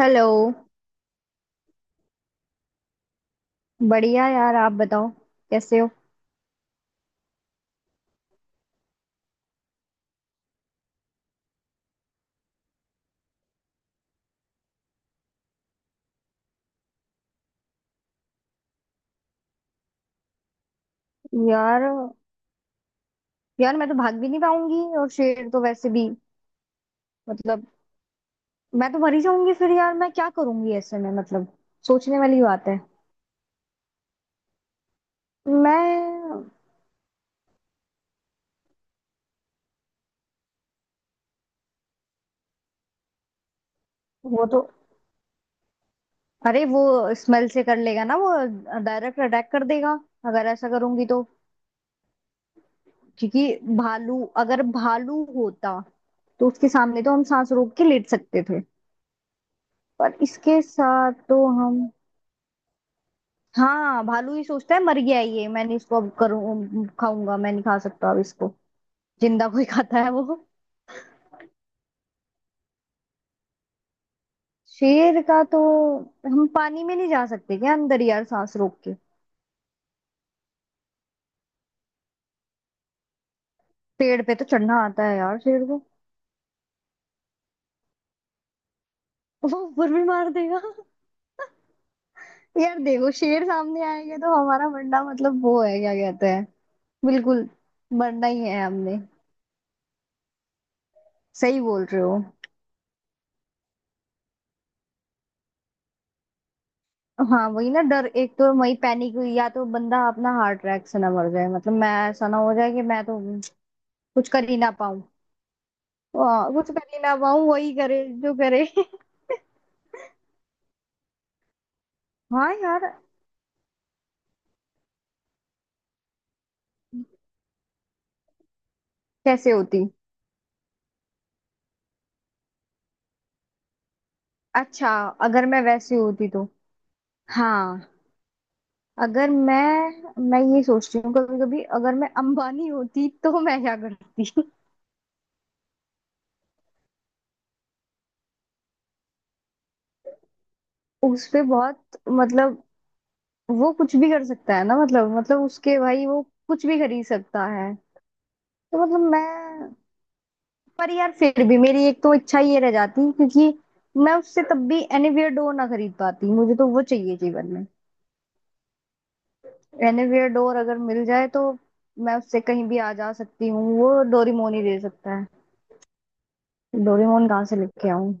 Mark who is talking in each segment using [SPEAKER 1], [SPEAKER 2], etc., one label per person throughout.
[SPEAKER 1] Hello. बढ़िया यार, आप बताओ, कैसे हो? यार, मैं तो भाग भी नहीं पाऊंगी, और शेर तो वैसे भी मतलब मैं तो मर ही जाऊंगी। फिर यार मैं क्या करूंगी ऐसे में? मतलब सोचने वाली बात है। मैं वो तो अरे, वो स्मेल से कर लेगा ना वो। डायरेक्ट अटैक कर देगा अगर ऐसा करूंगी तो। क्योंकि भालू अगर भालू होता तो उसके सामने तो हम सांस रोक के लेट सकते थे। पर इसके साथ तो हम, हाँ, भालू ये सोचता है मर गया है ये, मैंने इसको अब करूँ, खाऊंगा मैं नहीं खा सकता अब इसको। जिंदा कोई खाता है वो? शेर का तो हम पानी में नहीं जा सकते क्या अंदर, यार, सांस रोक के? पेड़ पे तो चढ़ना आता है यार शेर को। वो ऊपर भी मार देगा। यार देखो, शेर सामने आएगा तो हमारा मरना मतलब वो है, क्या कहते हैं, बिल्कुल मरना ही है हमने। सही बोल रहे हो। हाँ वही ना, डर एक तो वही पैनिक हुई, या तो बंदा अपना हार्ट अटैक से ना मर जाए। मतलब मैं, ऐसा ना हो जाए कि मैं तो कुछ कर ही ना पाऊं। कुछ कर ही ना पाऊं, वही करे जो करे। हाँ यार। कैसे होती? अच्छा, अगर मैं वैसी होती तो, हाँ, अगर मैं ये सोचती हूँ कभी कभी, अगर मैं अंबानी होती तो मैं क्या करती। उस पे बहुत, मतलब वो कुछ भी कर सकता है ना। मतलब उसके भाई वो कुछ भी खरीद सकता है। तो मतलब मैं, पर यार फिर भी मेरी एक तो इच्छा ये रह जाती क्योंकि मैं उससे तब भी एनीवेयर डोर ना खरीद पाती। मुझे तो वो चाहिए जीवन में। रेनोवेयर डोर अगर मिल जाए तो मैं उससे कहीं भी आ जा सकती हूँ। वो डोरेमोन ही दे सकता है। डोरेमोन कहाँ से लेके आऊँ?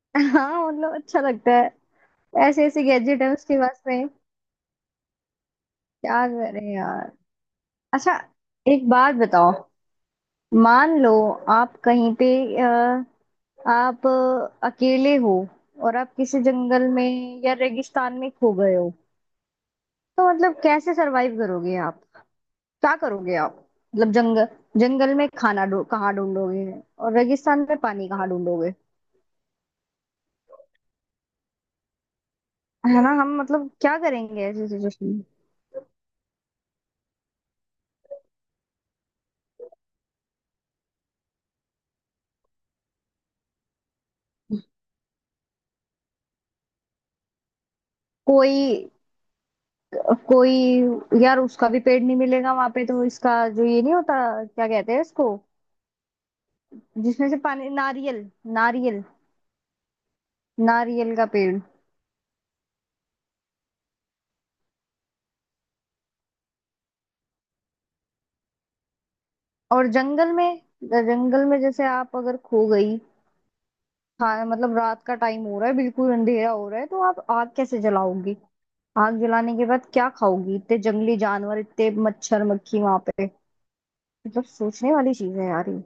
[SPEAKER 1] हाँ मतलब अच्छा लगता है। ऐसे ऐसे गैजेट है उसके पास में, क्या करें यार। अच्छा, एक बात बताओ। मान लो आप कहीं पे, अ, आप अकेले हो, और आप किसी जंगल में या रेगिस्तान में खो गए हो, तो मतलब कैसे सरवाइव करोगे आप? क्या करोगे आप? मतलब जंगल जंगल में खाना ढू कहाँ ढूंढोगे? और रेगिस्तान में पानी कहाँ ढूंढोगे? है ना? हम मतलब क्या करेंगे ऐसी सिचुएशन में? कोई कोई यार, उसका भी पेड़ नहीं मिलेगा वहां पे तो, इसका जो ये नहीं होता, क्या कहते हैं इसको, जिसमें से पानी, नारियल, नारियल, नारियल का पेड़। और जंगल में, जैसे आप अगर खो गई, हाँ, मतलब रात का टाइम हो रहा है, बिल्कुल अंधेरा हो रहा है, तो आप आग कैसे जलाओगी? आग जलाने के बाद क्या खाओगी? इतने जंगली जानवर, इतने मच्छर मक्खी वहां पे। मतलब सोचने वाली चीज है यार ये।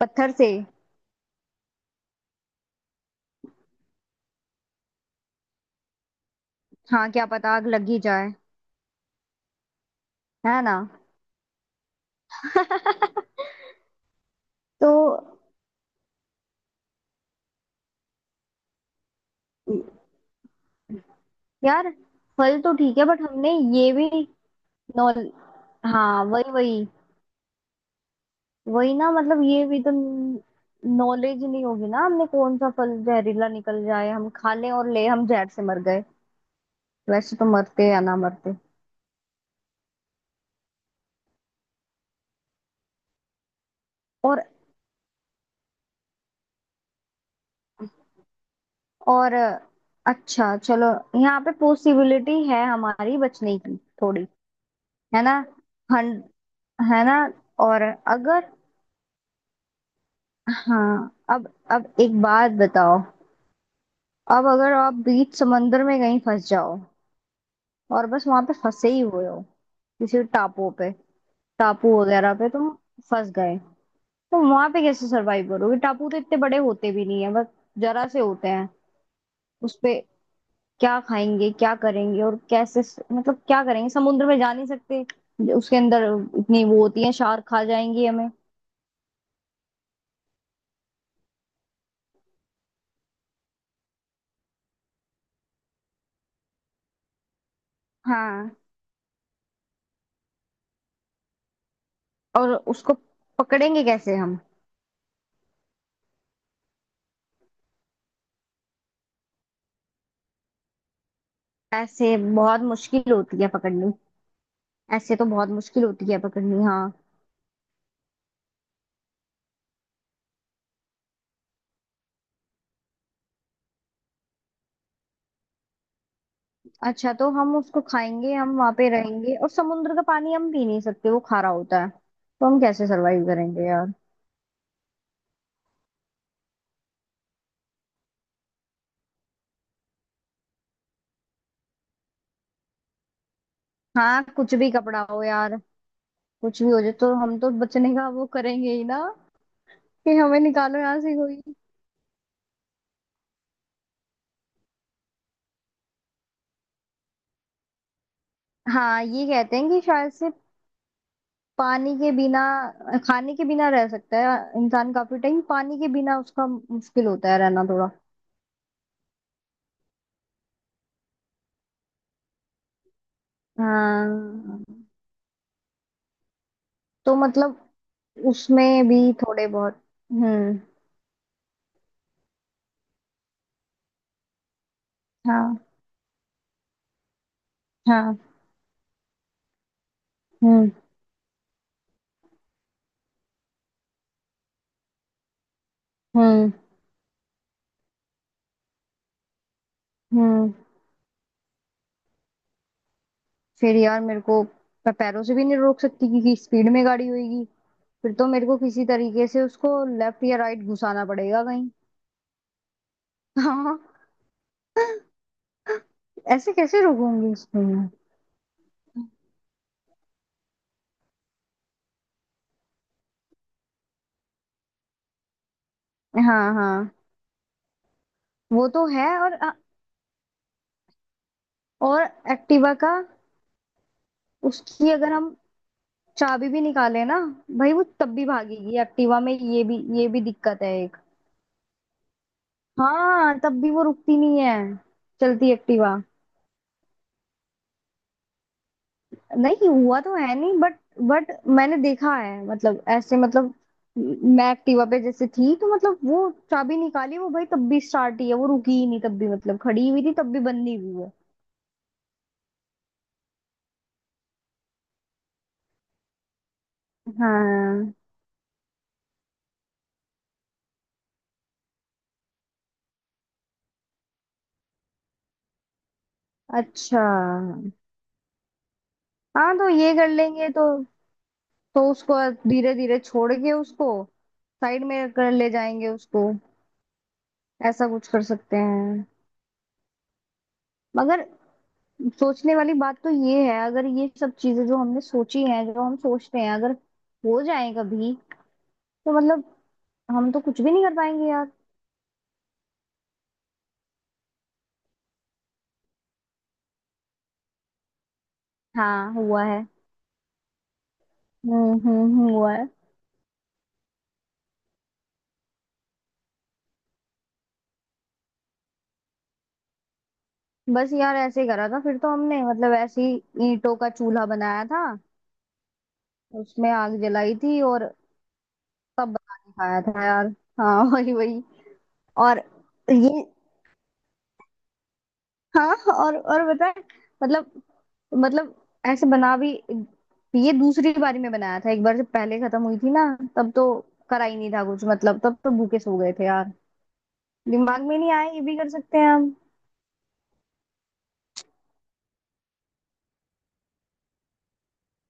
[SPEAKER 1] पत्थर से? हाँ, क्या पता आग लग ही जाए। है ना। तो यार, फल तो ठीक है बट हमने, ये भी, नॉल, हाँ वही वही। वही ना, मतलब ये भी तो नॉलेज नहीं होगी ना हमने, कौन सा फल जहरीला निकल जाए, हम खा लें और ले, हम जहर से मर गए। वैसे तो मरते या ना मरते। और और, अच्छा चलो। यहाँ पे पॉसिबिलिटी है हमारी बचने की, थोड़ी। है ना। हन। है ना। और अगर, हाँ, अब, एक बात बताओ। अब अगर आप बीच समंदर में कहीं फंस जाओ और बस वहां पे फंसे ही हुए हो, किसी टापू पे, टापू वगैरह पे तुम फंस गए, तो वहां पे कैसे सरवाइव करोगे? टापू तो इतने बड़े होते भी नहीं है, बस जरा से होते हैं उसपे। क्या खाएंगे, क्या करेंगे, और कैसे? मतलब क्या करेंगे? समुद्र में जा नहीं सकते उसके अंदर, इतनी वो होती है, शार्क खा जाएंगी हमें। हाँ। और उसको पकड़ेंगे कैसे हम? ऐसे बहुत मुश्किल होती है पकड़नी। ऐसे तो बहुत मुश्किल होती है पकड़नी हाँ। अच्छा, तो हम उसको खाएंगे, हम वहां पे रहेंगे। और समुद्र का पानी हम पी नहीं सकते, वो खारा होता है। तो हम कैसे सरवाइव करेंगे यार? हाँ, कुछ भी कपड़ा हो यार, कुछ भी हो जाए तो हम तो बचने का वो करेंगे ही ना, कि हमें निकालो यहाँ से कोई। हाँ, ये कहते हैं कि शायद से पानी के बिना, खाने के बिना रह सकता है इंसान काफी टाइम। पानी के बिना उसका मुश्किल होता है रहना थोड़ा। हाँ तो मतलब उसमें भी थोड़े बहुत। हम्म। हाँ हाँ। हम्म हम्म हम्म। फिर यार मेरे को, मैं पैरों से भी नहीं रोक सकती क्योंकि स्पीड में गाड़ी होगी। फिर तो मेरे को किसी तरीके से उसको लेफ्ट या राइट घुसाना पड़ेगा कहीं। हाँ, ऐसे कैसे रोकूंगी उसको मैं? हाँ हाँ, वो तो है। और एक्टिवा का, उसकी अगर हम चाबी भी निकाले ना, भाई वो तब भी भागेगी। एक्टिवा में ये भी दिक्कत है एक। हाँ तब भी वो रुकती नहीं है, चलती एक्टिवा। नहीं हुआ तो है नहीं बट, बट मैंने देखा है, मतलब ऐसे मतलब, मैं एक्टिवा पे जैसे थी तो मतलब वो चाबी निकाली, वो भाई तब भी स्टार्ट ही है, वो रुकी ही नहीं तब भी, मतलब खड़ी हुई थी तब भी बंदी हुई है। हाँ। अच्छा। हाँ तो ये कर लेंगे तो उसको धीरे धीरे छोड़ के उसको साइड में कर ले जाएंगे उसको। ऐसा कुछ कर सकते हैं। मगर सोचने वाली बात तो ये है, अगर ये सब चीजें जो हमने सोची हैं, जो हम सोचते हैं, अगर हो जाए कभी, तो मतलब हम तो कुछ भी नहीं कर पाएंगे यार। हाँ हुआ है। हुआ है। बस यार ऐसे ही करा था फिर तो हमने, मतलब ऐसे ही ईंटों का चूल्हा बनाया था, उसमें आग जलाई थी और सब बना के खाया था यार। हाँ वही वही। और ये, हाँ। और बता। मतलब, मतलब ऐसे बना भी, ये दूसरी बारी में बनाया था। एक बार जब पहले खत्म हुई थी ना, तब तो करा ही नहीं था कुछ, मतलब तब तो भूखे सो गए थे यार। दिमाग में नहीं आया ये भी कर सकते हैं हम।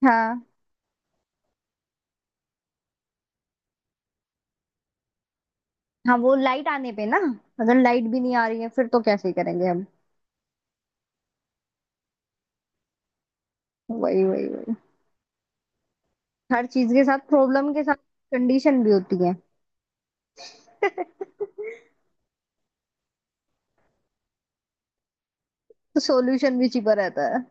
[SPEAKER 1] हाँ हाँ, वो लाइट आने पे ना, अगर लाइट भी नहीं आ रही है फिर तो कैसे करेंगे हम? वही वही वही, हर चीज के साथ, प्रॉब्लम के साथ कंडीशन भी होती है। तो सॉल्यूशन भी छिपा रहता है।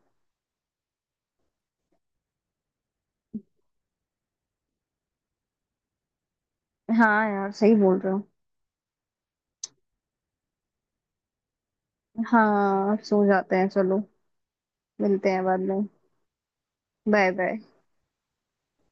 [SPEAKER 1] हाँ यार सही बोल रहे हो। हाँ सो जाते हैं चलो। मिलते हैं बाद में। Bye bye.